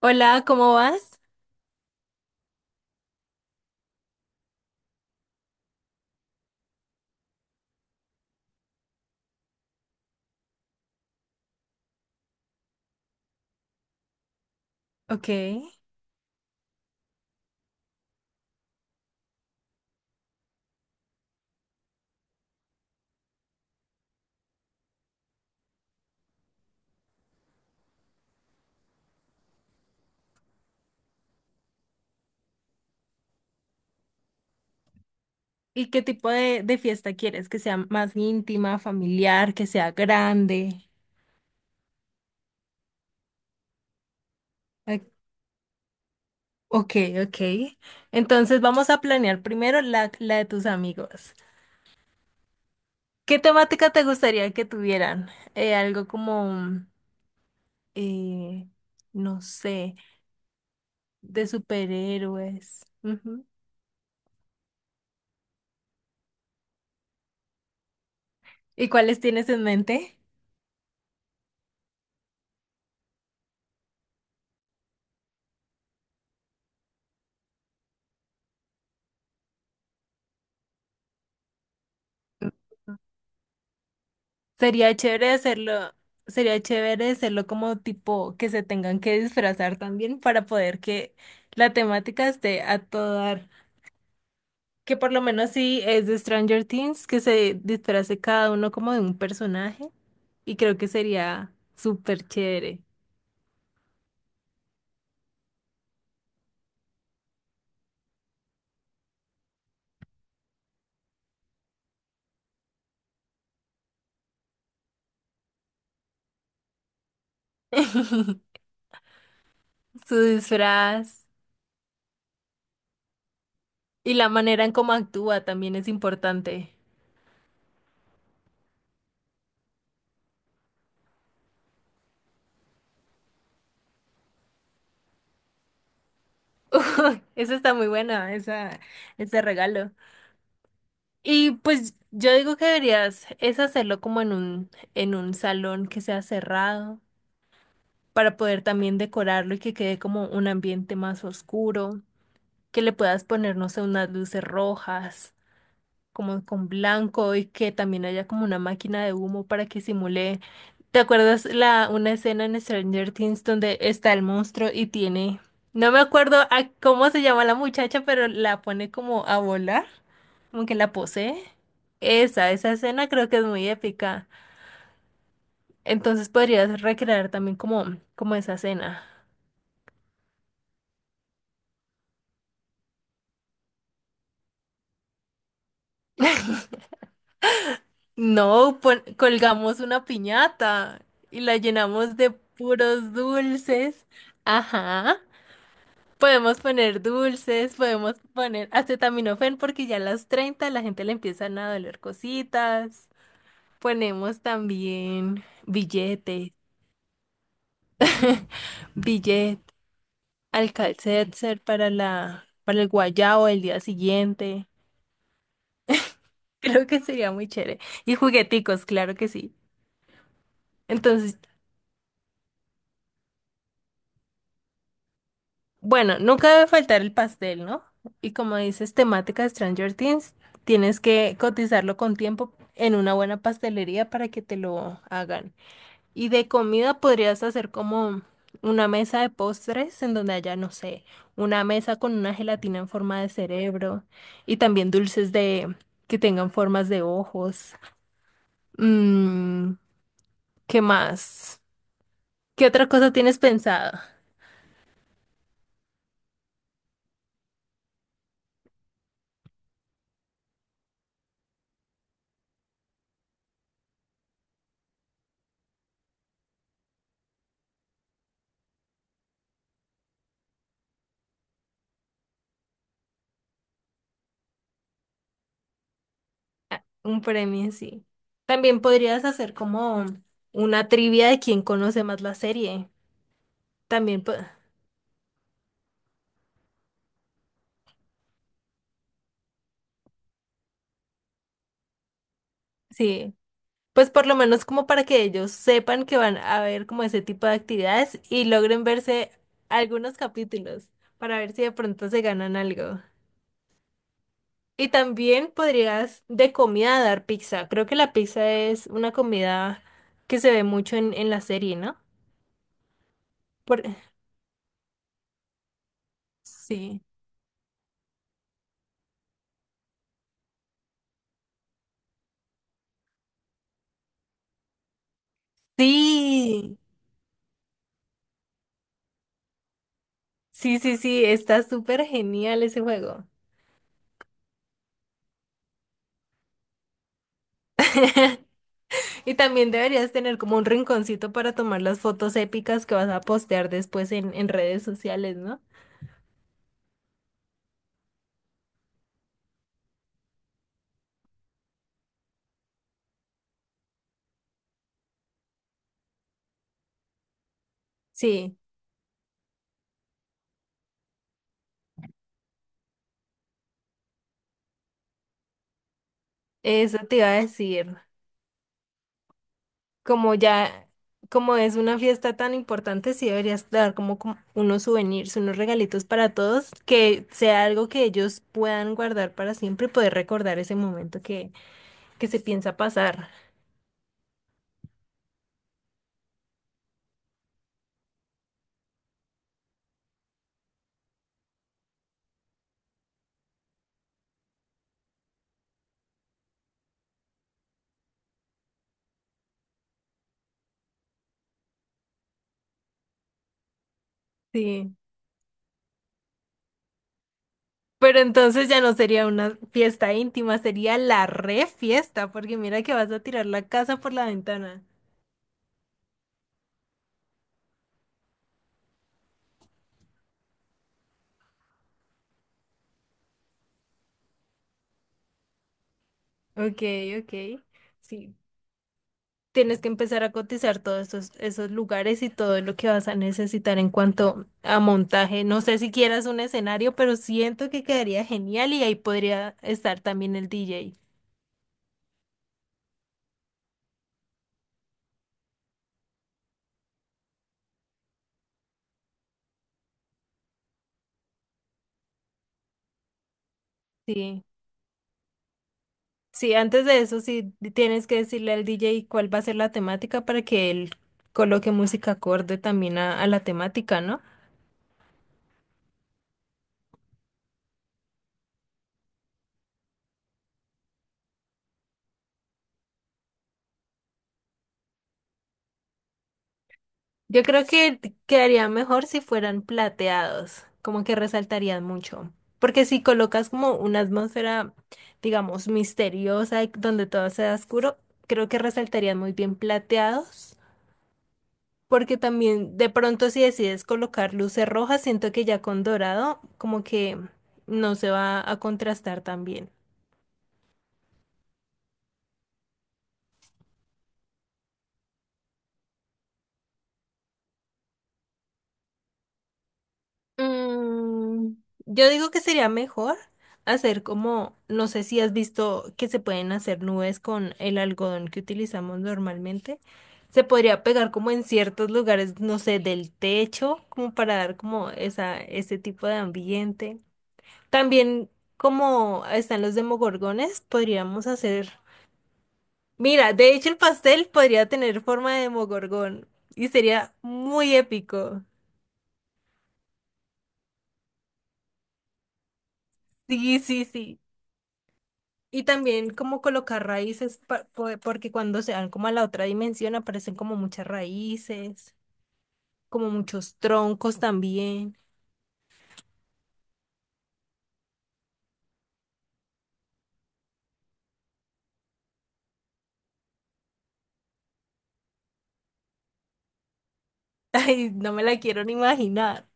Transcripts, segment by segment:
Hola, ¿cómo vas? Ok. ¿Y qué tipo de fiesta quieres? ¿Que sea más íntima, familiar, que sea grande? Ac- Ok, ok. Entonces vamos a planear primero la de tus amigos. ¿Qué temática te gustaría que tuvieran? Algo como, eh, no sé, de superhéroes. Ujú. ¿Y cuáles tienes en mente? Sería chévere hacerlo, sería chévere hacerlo como tipo que se tengan que disfrazar también para poder que la temática esté a todo dar. Que por lo menos si es de Stranger Things, que se disfrace cada uno como de un personaje y creo que sería súper chévere. Su disfraz y la manera en cómo actúa también es importante. Eso está muy buena, esa, ese regalo. Y pues yo digo que deberías es hacerlo como en un salón que sea cerrado para poder también decorarlo y que quede como un ambiente más oscuro, que le puedas poner, no sé, unas luces rojas como con blanco y que también haya como una máquina de humo para que simule. ¿Te acuerdas la una escena en Stranger Things donde está el monstruo y tiene, no me acuerdo a cómo se llama la muchacha, pero la pone como a volar, como que la posee? Esa escena creo que es muy épica. Entonces podrías recrear también como, como esa escena. No, colgamos una piñata y la llenamos de puros dulces. Ajá. Podemos poner dulces, podemos poner acetaminofén porque ya a las 30 la gente le empiezan a doler cositas. Ponemos también billetes, billet, alka para la, para el guayao el día siguiente. Creo que sería muy chévere. Y jugueticos, claro que sí. Entonces bueno, nunca debe faltar el pastel, ¿no? Y como dices, temática Stranger Things, tienes que cotizarlo con tiempo en una buena pastelería para que te lo hagan. Y de comida podrías hacer como una mesa de postres en donde haya, no sé, una mesa con una gelatina en forma de cerebro y también dulces de que tengan formas de ojos. Mm, ¿Qué más? ¿Qué otra cosa tienes pensado? Ah, un premio, sí. También podrías hacer como una trivia de quién conoce más la serie. También, sí. Pues por lo menos como para que ellos sepan que van a ver como ese tipo de actividades y logren verse algunos capítulos para ver si de pronto se ganan algo. Y también podrías de comida dar pizza. Creo que la pizza es una comida que se ve mucho en la serie, ¿no? Por... Sí. Sí. Sí, sí, sí, está súper genial ese juego. Y también deberías tener como un rinconcito para tomar las fotos épicas que vas a postear después en redes sociales, ¿no? Sí, eso te iba a decir. Como ya, como es una fiesta tan importante, sí deberías dar como, como unos souvenirs, unos regalitos para todos, que sea algo que ellos puedan guardar para siempre y poder recordar ese momento que se piensa pasar. Sí. Pero entonces ya no sería una fiesta íntima, sería la re fiesta, porque mira que vas a tirar la casa por la ventana. Ok, ok. Sí, tienes que empezar a cotizar todos esos, esos lugares y todo lo que vas a necesitar en cuanto a montaje. No sé si quieras un escenario, pero siento que quedaría genial y ahí podría estar también el DJ. Sí. Sí, antes de eso, sí tienes que decirle al DJ cuál va a ser la temática para que él coloque música acorde también a la temática, ¿no? Yo creo que quedaría mejor si fueran plateados, como que resaltarían mucho. Porque si colocas como una atmósfera, digamos, misteriosa, y donde todo sea oscuro, creo que resaltarían muy bien plateados. Porque también de pronto si decides colocar luces rojas, siento que ya con dorado como que no se va a contrastar tan bien. Mm, yo digo que sería mejor hacer como, no sé si has visto que se pueden hacer nubes con el algodón que utilizamos normalmente. Se podría pegar como en ciertos lugares, no sé, del techo, como para dar como esa, ese tipo de ambiente. También como están los demogorgones, podríamos hacer... Mira, de hecho el pastel podría tener forma de demogorgón y sería muy épico. Sí, sí, sí. Y también como colocar raíces, porque cuando se van como a la otra dimensión aparecen como muchas raíces, como muchos troncos también. Ay, no me la quiero ni imaginar.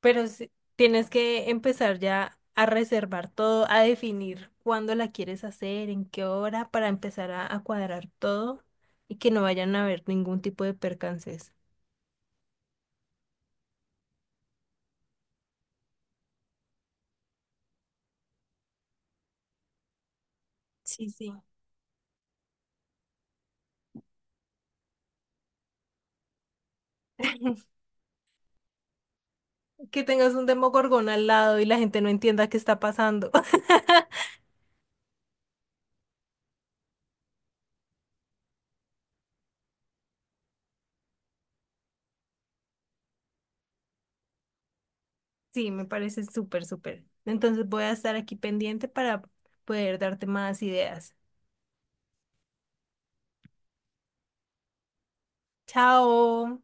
Pero sí, tienes que empezar ya a reservar todo, a definir cuándo la quieres hacer, en qué hora, para empezar a cuadrar todo y que no vayan a haber ningún tipo de percances. Sí, sí. Que tengas un demogorgón al lado y la gente no entienda qué está pasando. Sí, me parece súper, súper. Entonces voy a estar aquí pendiente para poder darte más ideas. Chao.